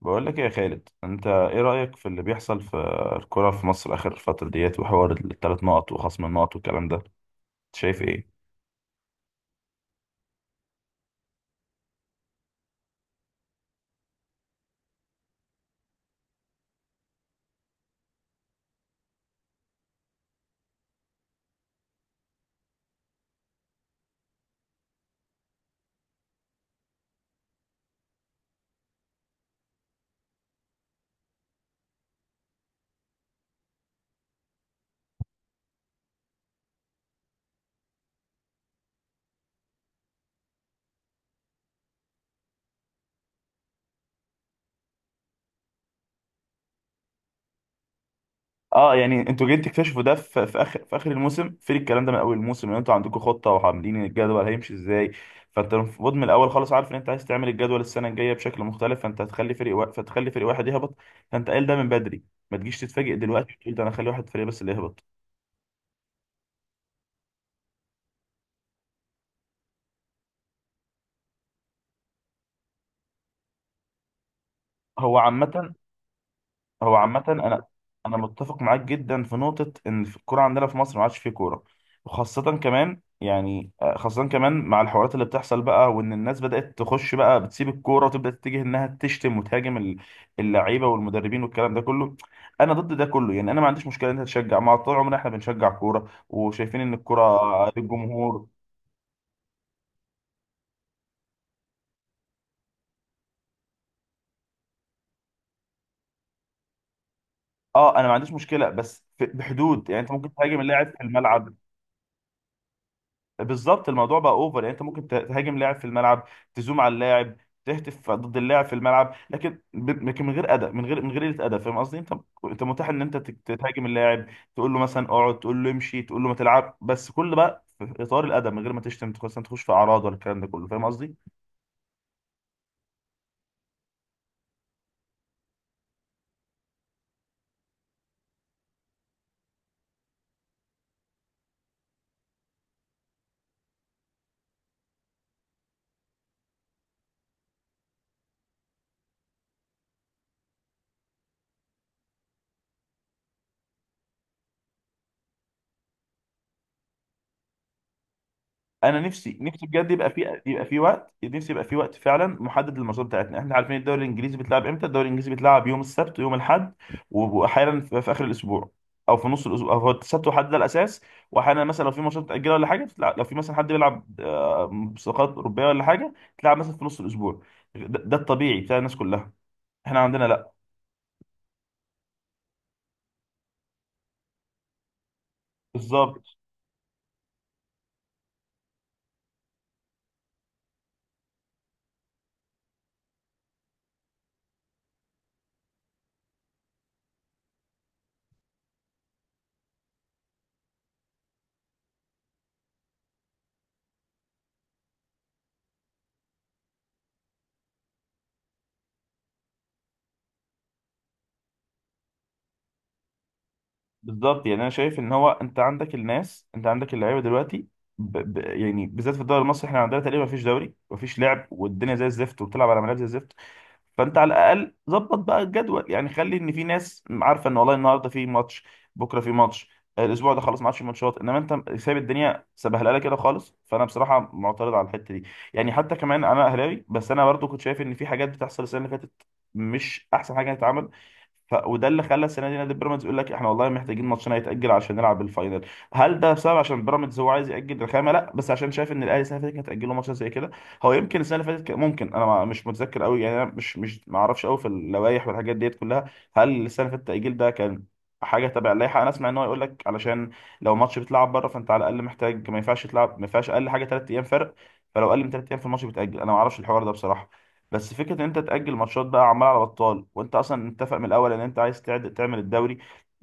بقول لك إيه يا خالد، انت ايه رأيك في اللي بيحصل في الكرة في مصر اخر الفترة ديت وحوار الـ3 نقط وخصم النقط والكلام ده؟ أنت شايف ايه؟ اه يعني انتوا جايين تكتشفوا ده في اخر الموسم. فين الكلام ده من اول الموسم ان انتوا عندكم خطة وعاملين الجدول هيمشي ازاي؟ فانت المفروض من الاول خالص عارف ان انت عايز تعمل الجدول السنة الجاية بشكل مختلف، فانت هتخلي فتخلي فريق واحد يهبط. فانت قايل ده من بدري، ما تجيش تتفاجئ دلوقتي تقول ده انا اخلي واحد فريق بس اللي يهبط. هو عامة هو عامة أنا أنا متفق معاك جدا في نقطة إن في الكورة عندنا في مصر ما عادش فيه كورة، وخاصة كمان يعني خاصة كمان مع الحوارات اللي بتحصل بقى، وإن الناس بدأت تخش بقى بتسيب الكورة وتبدأ تتجه إنها تشتم وتهاجم اللعيبة والمدربين والكلام ده كله. أنا ضد ده كله، يعني أنا ما عنديش مشكلة إن أنت تشجع، مع طول عمرنا إحنا بنشجع كورة وشايفين إن الكورة للجمهور. أه أنا ما عنديش مشكلة بس بحدود، يعني أنت ممكن تهاجم اللاعب في الملعب. بالظبط، الموضوع بقى اوفر، يعني انت ممكن تهاجم لاعب في الملعب، تزوم على اللاعب، تهتف ضد اللاعب في الملعب، لكن لكن من غير ادب، من غير قله ادب، فاهم قصدي؟ انت انت متاح ان انت تهاجم اللاعب، تقول له مثلا اقعد، تقول له امشي، تقول له ما تلعب، بس كل بقى في اطار الادب من غير ما تشتم تخش تخش في اعراض ولا الكلام ده كله، فاهم قصدي؟ انا نفسي بجد يبقى في وقت، نفسي يبقى في وقت فعلا محدد للماتشات بتاعتنا. احنا عارفين الدوري الانجليزي بيتلعب امتى، الدوري الانجليزي بيتلعب يوم السبت ويوم الاحد، واحيانا في اخر الاسبوع او في نص الاسبوع، او هو السبت والاحد ده الاساس. واحيانا مثلا لو في ماتشات متاجله ولا حاجه بتلعب، لو في مثلا حد بيلعب مسابقات اوروبيه ولا حاجه، تلعب مثلا في نص الاسبوع. ده الطبيعي بتاع الناس كلها. احنا عندنا لا. بالظبط بالظبط، يعني انا شايف ان هو انت عندك الناس، انت عندك اللعيبه دلوقتي، يعني بالذات في الدوري المصري احنا عندنا تقريبا مفيش دوري مفيش لعب، والدنيا زي الزفت وبتلعب على ملاعب زي الزفت. فانت على الاقل ظبط بقى الجدول، يعني خلي ان في ناس عارفه ان والله النهارده في ماتش، بكره في ماتش، الاسبوع ده خلاص ما عادش في ماتشات. انما انت سايب الدنيا سبهلله كده خالص، فانا بصراحه معترض على الحته دي. يعني حتى كمان انا اهلاوي، بس انا برضو كنت شايف ان في حاجات بتحصل السنه اللي فاتت مش احسن حاجه تتعمل. وده اللي خلى السنه دي نادي بيراميدز يقول لك احنا والله محتاجين ماتشنا يتاجل عشان نلعب الفاينل. هل ده بسبب عشان بيراميدز هو عايز ياجل الخامه؟ لا، بس عشان شايف ان الاهلي السنه اللي فاتت كانت هتاجله ماتش زي كده. هو يمكن السنه اللي فاتت كان- ممكن انا ما- مش متذكر قوي، يعني انا مش مش ما اعرفش قوي في اللوائح والحاجات ديت كلها. هل السنه اللي فاتت التاجيل ده كان حاجه تبع اللائحه؟ انا اسمع ان هو يقول لك علشان لو ماتش بيتلعب بره فانت على الاقل محتاج، ما ينفعش تلعب، ما ينفعش اقل حاجه 3 ايام فرق، فلو اقل من 3 ايام في الماتش بتاجل. انا ما اعرفش الحوار ده بصراحه، بس فكره ان انت تاجل ماتشات بقى عمال على بطال وانت اصلا متفق من الاول ان انت عايز تعد تعمل الدوري،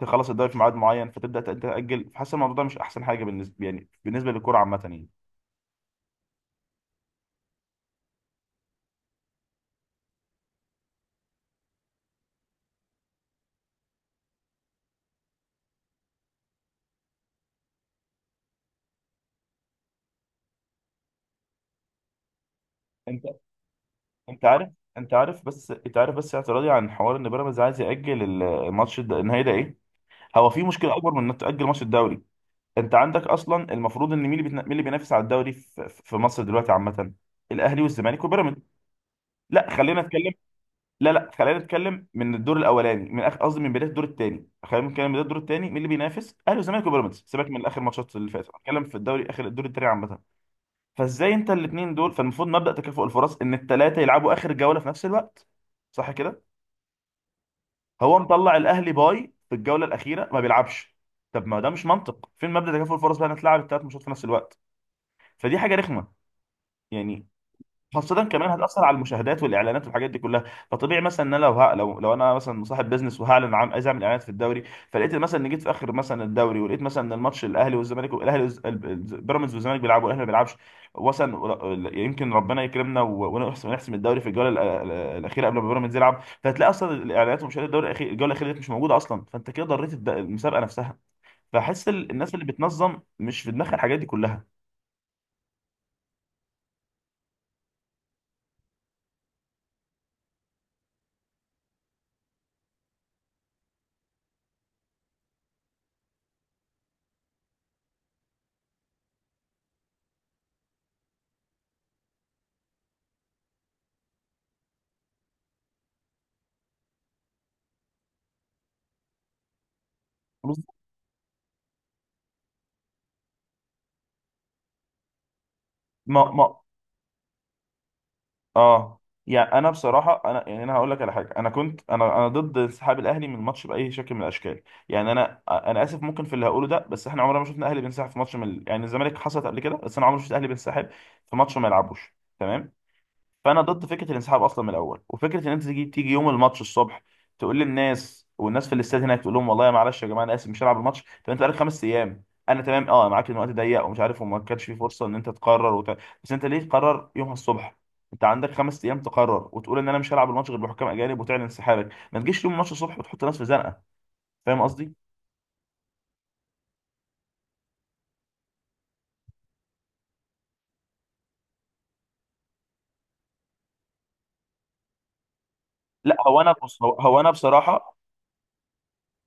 تخلص الدوري في ميعاد معين، فتبدا تاجل، فحاسس الموضوع ده مش احسن حاجه بالنسبه، يعني بالنسبه للكوره عامه يعني. انت انت عارف انت عارف بس اعتراضي عن حوار ان بيراميدز عايز ياجل النهائي ده ايه. هو في مشكله اكبر من انك تاجل ماتش الدوري. انت عندك اصلا، المفروض ان مين اللي مين اللي بينافس على الدوري في في مصر دلوقتي عامه؟ الاهلي والزمالك وبيراميدز. لا خلينا نتكلم. لا لا خلينا نتكلم من الدور الاولاني، من اخر قصدي من بدايه الدور الثاني، خلينا نتكلم من بدايه الدور الثاني مين اللي بينافس؟ اهلي وزمالك وبيراميدز. سيبك من اخر ماتشات اللي فاتت، هتكلم في الدوري اخر الدور الثاني عامه. فازاي انت الاثنين دول؟ فالمفروض مبدا تكافؤ الفرص ان الثلاثه يلعبوا اخر جوله في نفس الوقت، صح كده؟ هو مطلع الاهلي باي في الجوله الاخيره ما بيلعبش. طب ما ده مش منطق، فين مبدا تكافؤ الفرص بقى، إنك تلعب الـ3 ماتشات في نفس الوقت. فدي حاجه رخمه يعني، خاصة كمان هتأثر على المشاهدات والإعلانات والحاجات دي كلها. فطبيعي مثلا إن أنا لو ه... لو لو أنا مثلا صاحب بيزنس وهعلن عن عايز أعمل إعلانات في الدوري، فلقيت مثلا إن جيت في آخر مثلا الدوري، ولقيت مثلا إن الماتش الأهلي والزمالك، الأهلي بيراميدز والزمالك بيلعبوا والأهلي ما بيلعبش، مثلا يمكن ربنا يكرمنا ونحسم نحسم الدوري في الجولة الأخيرة قبل ما بيراميدز يلعب، فهتلاقي أصلا الإعلانات ومشاهدات الدوري الأخير الجولة الأخيرة دي مش موجودة أصلا، فأنت كده ضريت المسابقة نفسها، فحس الناس اللي بتنظم مش في دماغها الحاجات دي كلها. ما ما اه يعني انا بصراحه، انا يعني انا هقول لك على حاجه، انا كنت انا ضد انسحاب الاهلي من الماتش باي شكل من الاشكال. يعني انا اسف ممكن في اللي هقوله ده، بس احنا عمرنا ما شفنا الاهلي بينسحب في ماتش من يعني الزمالك حصلت قبل كده، بس انا عمري ما شفت الاهلي بينسحب في ماتش ما يلعبوش. تمام. فانا ضد فكره الانسحاب اصلا من الاول، وفكره ان انت تيجي يوم الماتش الصبح تقول للناس، والناس في الاستاد هناك تقول لهم والله يا معلش يا جماعه انا اسف مش هلعب الماتش. طب انت بقالك 5 ايام. انا تمام اه معاك ان الوقت ضيق ومش عارف، وما كانش في فرصه ان انت تقرر بس انت ليه تقرر يومها الصبح؟ انت عندك 5 ايام تقرر وتقول ان انا مش هلعب الماتش غير بحكام اجانب وتعلن انسحابك. ما تجيش يوم الماتش الصبح وتحط ناس في زنقه، فاهم قصدي؟ لا هو انا بص، هو انا بصراحه،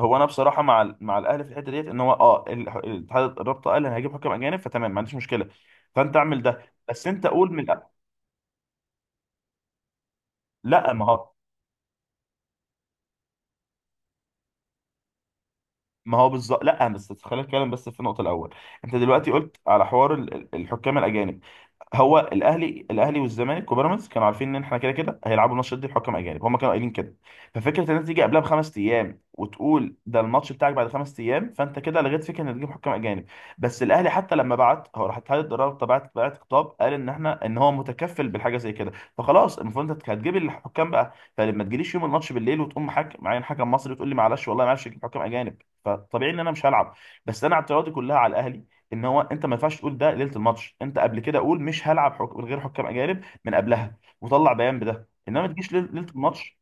هو انا بصراحه مع مع الاهلي في الحته ديت ان هو الاتحاد الرابطه قال انا هجيب حكم اجانب، فتمام ما عنديش مشكله. فانت اعمل ده بس انت قول من لا ما هو، ما هو بالظبط. لا بس خلينا نتكلم بس في النقطه الاول. انت دلوقتي قلت على حوار الحكام الاجانب، هو الاهلي والزمالك وبيراميدز كانوا عارفين ان احنا كده كده هيلعبوا الماتش ده بحكام اجانب، هم كانوا قايلين كده. ففكره ان انت تيجي قبلها بـ5 ايام وتقول ده الماتش بتاعك بعد 5 ايام، فانت كده لغيت فكره ان تجيب حكام اجانب. بس الاهلي حتى لما بعت، هو راح اتحاد الرابطه بعت خطاب، قال ان احنا ان هو متكفل بالحاجه زي كده. فخلاص المفروض انت هتجيب الحكام بقى، فلما تجيليش يوم الماتش بالليل وتقوم حاكم معين حكم مصري وتقول لي معلش والله معلش اجيب حكام اجانب، فطبيعي ان انا مش هلعب. بس انا اعتراضي كلها على الاهلي ان هو انت ما ينفعش تقول ده ليله الماتش. انت قبل كده قول مش هلعب من غير حكام اجانب من قبلها، وطلع بيان بده، انما ما تجيش ليله الماتش.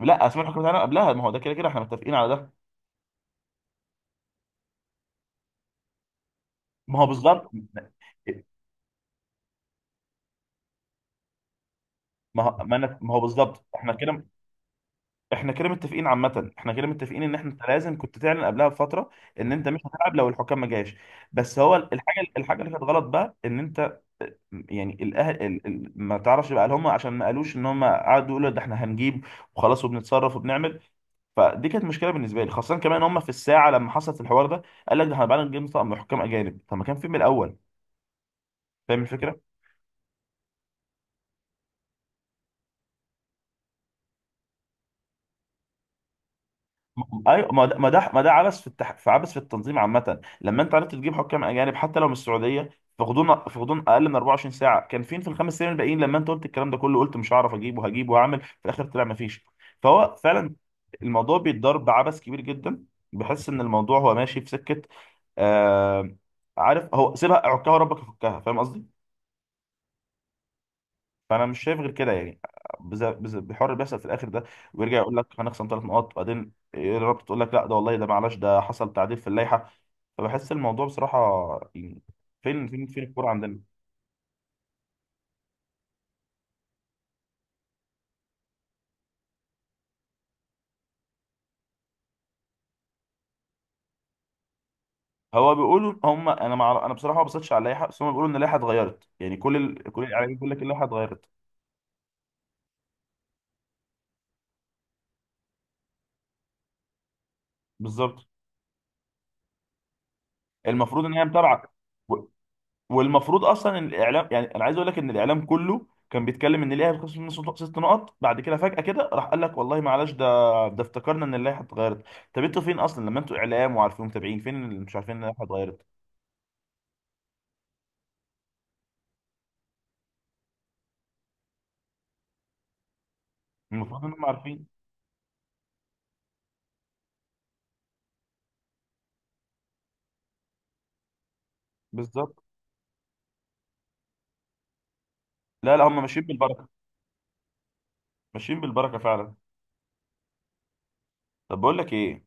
لا اسمع الحكام بتاعنا قبلها، ما هو ده كده كده احنا متفقين على ده. ما هو بالظبط. ما هو بالظبط احنا كده، احنا كده متفقين عامه، احنا كده متفقين ان احنا انت لازم كنت تعلن قبلها بفتره ان انت مش هتلعب لو الحكام ما جاش. بس هو الحاجه اللي كانت غلط بقى ان انت، يعني الاهل ما تعرفش بقى هل هم عشان ما قالوش، ان هم قعدوا يقولوا ده احنا هنجيب وخلاص وبنتصرف وبنعمل. فدي كانت مشكله بالنسبه لي، خاصه كمان هم في الساعه لما حصلت الحوار ده قال لك ده احنا بقى نجيب طقم حكام اجانب، طب ما كان في من الاول، فاهم الفكره؟ ايوه ما ده عبث في عبث في التنظيم عامه. لما انت عرفت تجيب حكام اجانب حتى لو من السعوديه في غضون اقل من 24 ساعه، كان فين في الـ5 سنين الباقيين لما انت قلت الكلام ده كله؟ قلت مش هعرف اجيب وهجيب وهعمل، في الاخر طلع ما فيش. فهو فعلا الموضوع بيتضرب بعبث كبير جدا. بحس ان الموضوع هو ماشي في سكه، آه... عارف، هو سيبها عكها وربك يفكها، فاهم قصدي؟ فانا مش شايف غير كده يعني، بحوار اللي بيحصل في الاخر ده. ويرجع يقول لك هنخصم 3 نقاط، بعدين رابط تقول لك لا ده والله ده معلش ده حصل تعديل في اللائحه. فبحس الموضوع بصراحه يعني، فين فين فين الكوره عندنا؟ هو بيقولوا هم، انا انا بصراحه ما بصيتش على اللائحه، بس هم بيقولوا ان اللائحه اتغيرت، يعني كل كل الاعلاميين بيقول لك اللائحه اتغيرت. بالظبط المفروض ان هي متابعه، والمفروض اصلا ان الاعلام، يعني انا عايز اقول لك ان الاعلام كله كان بيتكلم ان الاهلي هيتخصم منه ست نقط، بعد كده فجأة كده راح قال لك والله معلش ده، ده افتكرنا ان اللائحه اتغيرت. طب انتوا فين اصلا لما انتوا اعلام وعارفين متابعين، فين اللي مش عارفين ان اللائحه اتغيرت؟ المفروض انهم عارفين. بالظبط. لا لا، هم ماشيين بالبركه، ماشيين بالبركه فعلا. طب بقول لك ايه،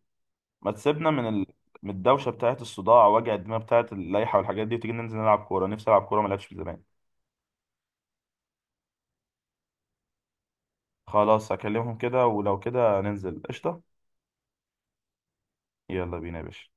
ما تسيبنا من من الدوشه بتاعت الصداع وجع الدماغ بتاعت اللائحه والحاجات دي، وتيجي ننزل نلعب كوره، نفسي العب كوره ما لعبتش من زمان. خلاص هكلمهم كده ولو كده ننزل قشطه. يلا بينا يا باشا.